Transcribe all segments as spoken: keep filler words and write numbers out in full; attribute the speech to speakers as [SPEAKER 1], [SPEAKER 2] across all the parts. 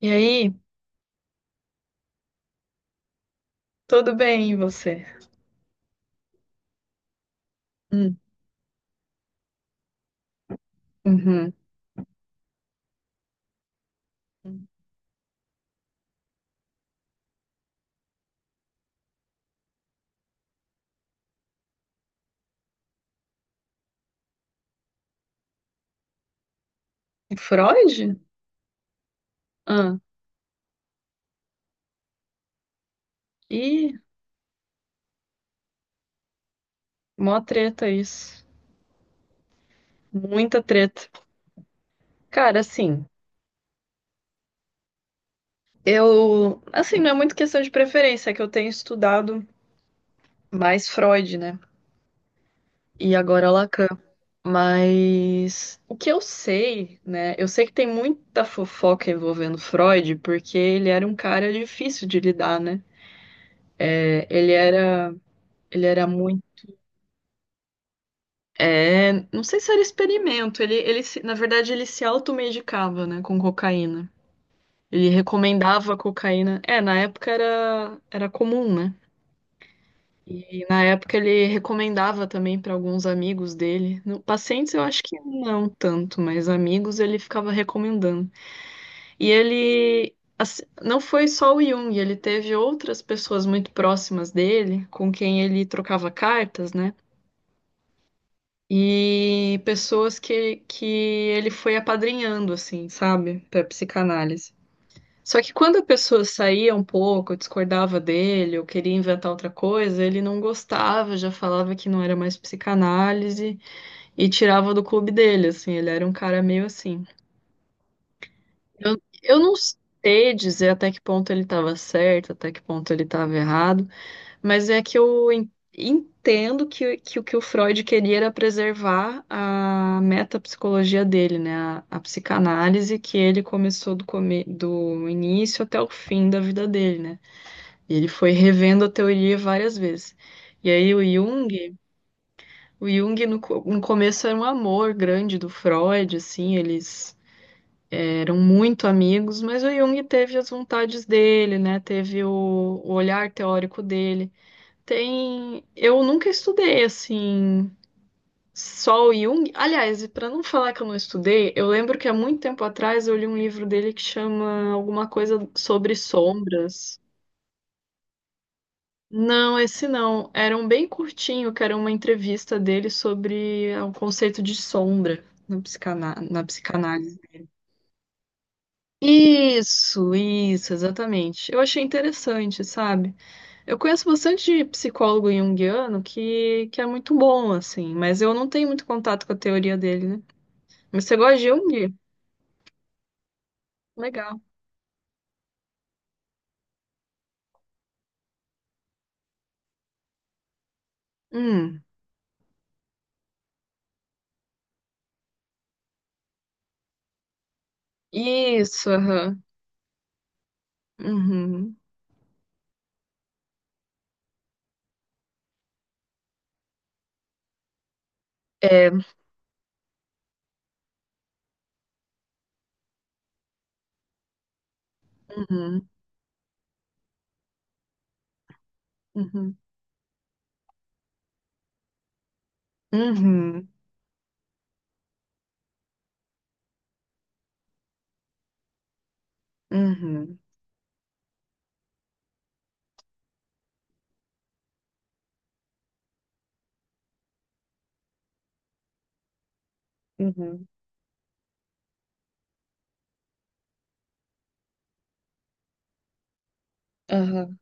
[SPEAKER 1] E aí, tudo bem, e você? Hum. Uhum. Freud? Ah, ih, mó treta isso. Muita treta. Cara, assim, eu. Assim, não é muito questão de preferência, é que eu tenho estudado mais Freud, né? E agora Lacan. Mas o que eu sei, né? Eu sei que tem muita fofoca envolvendo Freud, porque ele era um cara difícil de lidar, né? É, Ele era. Ele era muito. É, não sei se era experimento. Ele, ele, se- na verdade, ele se automedicava, né, com cocaína. Ele recomendava cocaína. É, na época era, era comum, né? E na época ele recomendava também para alguns amigos dele. No- pacientes eu acho que não tanto, mas amigos ele ficava recomendando. E ele assim, não foi só o Jung, ele teve outras pessoas muito próximas dele, com quem ele trocava cartas, né? E pessoas que, que ele foi apadrinhando, assim, sabe? Para psicanálise. Só que quando a pessoa saía um pouco, discordava dele, ou queria inventar outra coisa, ele não gostava, já falava que não era mais psicanálise e tirava do clube dele, assim. Ele era um cara meio assim. Eu, eu não sei dizer até que ponto ele estava certo, até que ponto ele estava errado. Mas é que eu en- entendo que, que o que o Freud queria era preservar a metapsicologia dele, né? A, a psicanálise que ele começou do, come, do início até o fim da vida dele, né? E ele foi revendo a teoria várias vezes. E aí o Jung, o Jung no, co- no começo era um amor grande do Freud, assim, eles eram muito amigos, mas o Jung teve as vontades dele, né? Teve o o olhar teórico dele. Tem. Eu nunca estudei assim, só o Jung. Aliás, para não falar que eu não estudei, eu lembro que há muito tempo atrás eu li um livro dele que chama alguma coisa sobre sombras. Não, esse não. Era um bem curtinho, que era uma entrevista dele sobre o conceito de sombra na psicana... na psicanálise. Isso, isso, exatamente. Eu achei interessante, sabe? Eu conheço bastante psicólogo junguiano que, que é muito bom, assim, mas eu não tenho muito contato com a teoria dele, né? Mas você gosta de Jung? Legal. Hum, isso, aham. Uhum. É, uhum, uhum, uhum, uhum, uhum, aham,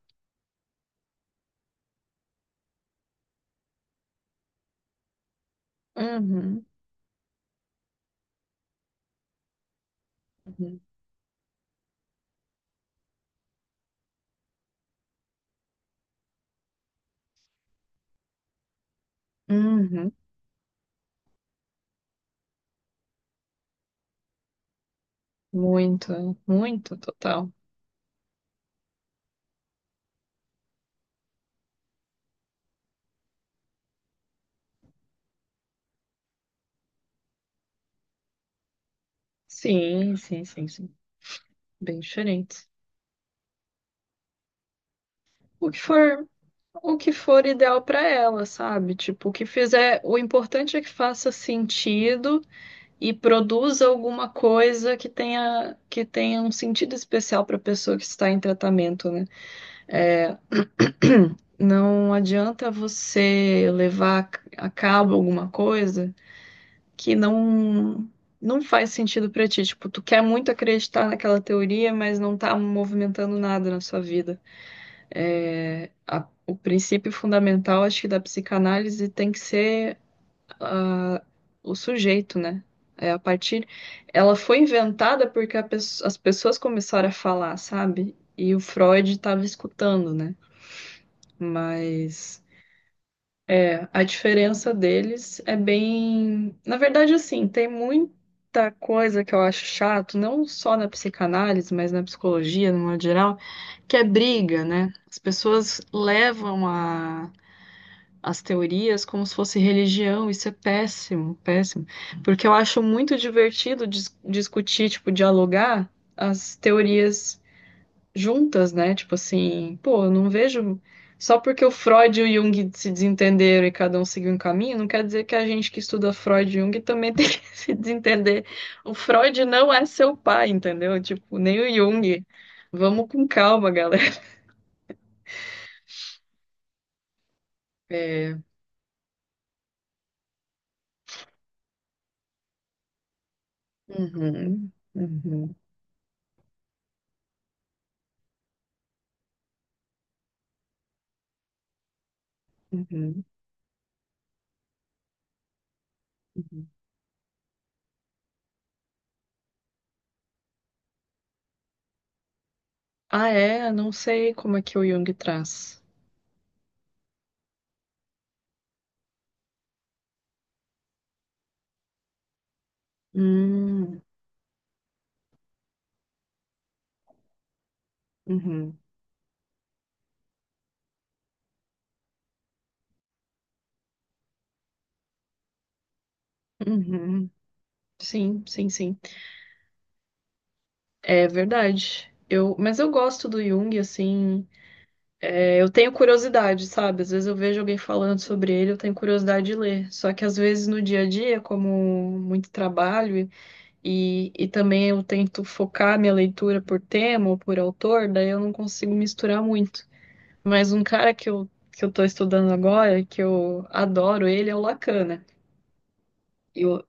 [SPEAKER 1] uhum, uhum, uhum. Muito, muito, total. Sim, sim, sim, sim. Bem diferentes. O que for o que for ideal para ela, sabe? Tipo, o que fizer, o importante é que faça sentido e produza alguma coisa que tenha que tenha um sentido especial para a pessoa que está em tratamento, né? É, não adianta você levar a cabo alguma coisa que não não faz sentido para ti. Tipo, tu quer muito acreditar naquela teoria, mas não tá movimentando nada na sua vida. É, a- o princípio fundamental, acho que, da psicanálise tem que ser ah, o sujeito, né? É a partir. Ela foi inventada porque a pesso- as pessoas começaram a falar, sabe? E o Freud estava escutando, né? Mas. É, a diferença deles é bem. Na verdade, assim, tem muita coisa que eu acho chato, não só na psicanálise, mas na psicologia, no modo geral, que é briga, né? As pessoas levam a- as teorias como se fosse religião, isso é péssimo, péssimo. Porque eu acho muito divertido dis- discutir, tipo, dialogar as teorias juntas, né? Tipo assim, pô, eu não vejo. Só porque o Freud e o Jung se desentenderam e cada um seguiu um caminho, não quer dizer que a gente que estuda Freud e Jung também tem que se desentender. O Freud não é seu pai, entendeu? Tipo, nem o Jung. Vamos com calma, galera. É. Uhum, uhum, uhum, uhum. Ah, é? Eu Não sei como é que o Jung traz. Hum, uhum, uhum. Sim, sim, sim. É verdade. Eu, mas eu gosto do Jung, assim, é, eu tenho curiosidade, sabe? Às vezes eu vejo alguém falando sobre ele, eu tenho curiosidade de ler. Só que às vezes no dia a dia, como muito trabalho e, e também eu tento focar minha leitura por tema ou por autor, daí eu não consigo misturar muito. Mas um cara que eu, que eu tô estudando agora, que eu adoro ele, é o Lacan, né? Eu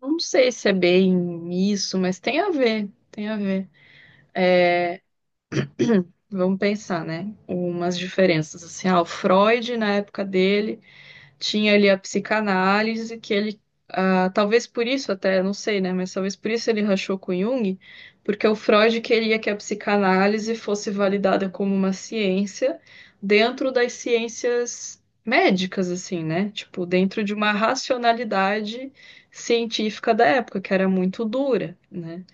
[SPEAKER 1] não sei se é bem isso, mas tem a ver, tem a ver. É, Vamos pensar, né? Umas diferenças. Assim, ah, o Freud, na época dele, tinha ali a psicanálise, que ele, ah, talvez por isso até, não sei, né? Mas talvez por isso ele rachou com Jung, porque o Freud queria que a psicanálise fosse validada como uma ciência dentro das ciências médicas, assim, né? Tipo, dentro de uma racionalidade científica da época, que era muito dura, né?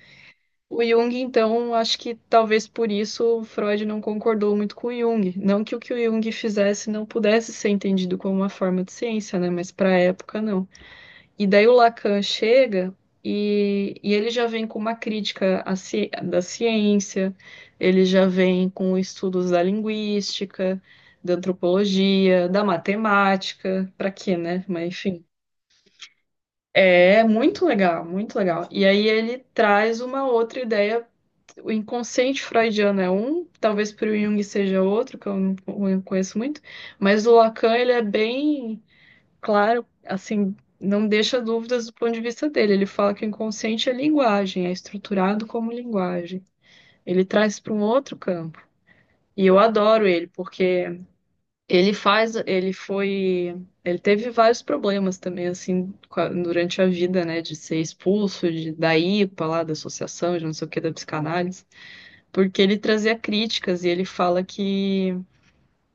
[SPEAKER 1] O Jung, então, acho que talvez por isso o Freud não concordou muito com o Jung. Não que o que o Jung fizesse não pudesse ser entendido como uma forma de ciência, né? Mas para a época, não. E daí o Lacan chega e, e ele já vem com uma crítica à ci- da ciência, ele já vem com estudos da linguística, da antropologia, da matemática. Para quê, né? Mas enfim. É é muito legal, muito legal. E aí ele traz uma outra ideia. O inconsciente freudiano é um, talvez para o Jung seja outro, que eu não eu conheço muito, mas o Lacan ele é bem claro, assim, não deixa dúvidas do ponto de vista dele. Ele fala que o inconsciente é linguagem, é estruturado como linguagem. Ele traz para um outro campo. E eu adoro ele, porque ele faz, ele foi, ele teve vários problemas também, assim, durante a vida, né, de ser expulso de, da I P A lá, da associação, de não sei o que, da psicanálise, porque ele trazia críticas e ele fala que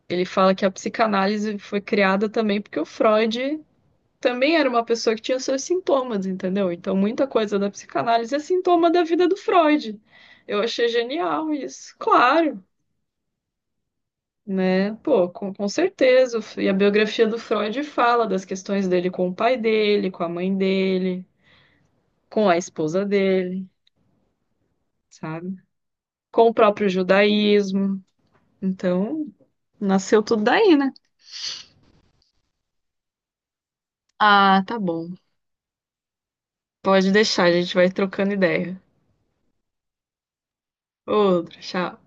[SPEAKER 1] ele fala que a psicanálise foi criada também porque o Freud também era uma pessoa que tinha seus sintomas, entendeu? Então muita coisa da psicanálise é sintoma da vida do Freud. Eu achei genial isso. Claro, né? Pô, com, com certeza. E a biografia do Freud fala das questões dele com o pai dele, com a mãe dele, com a esposa dele, sabe? Com o próprio judaísmo. Então, nasceu tudo daí, né? Ah, tá bom. Pode deixar, a gente vai trocando ideia. Outro, tchau.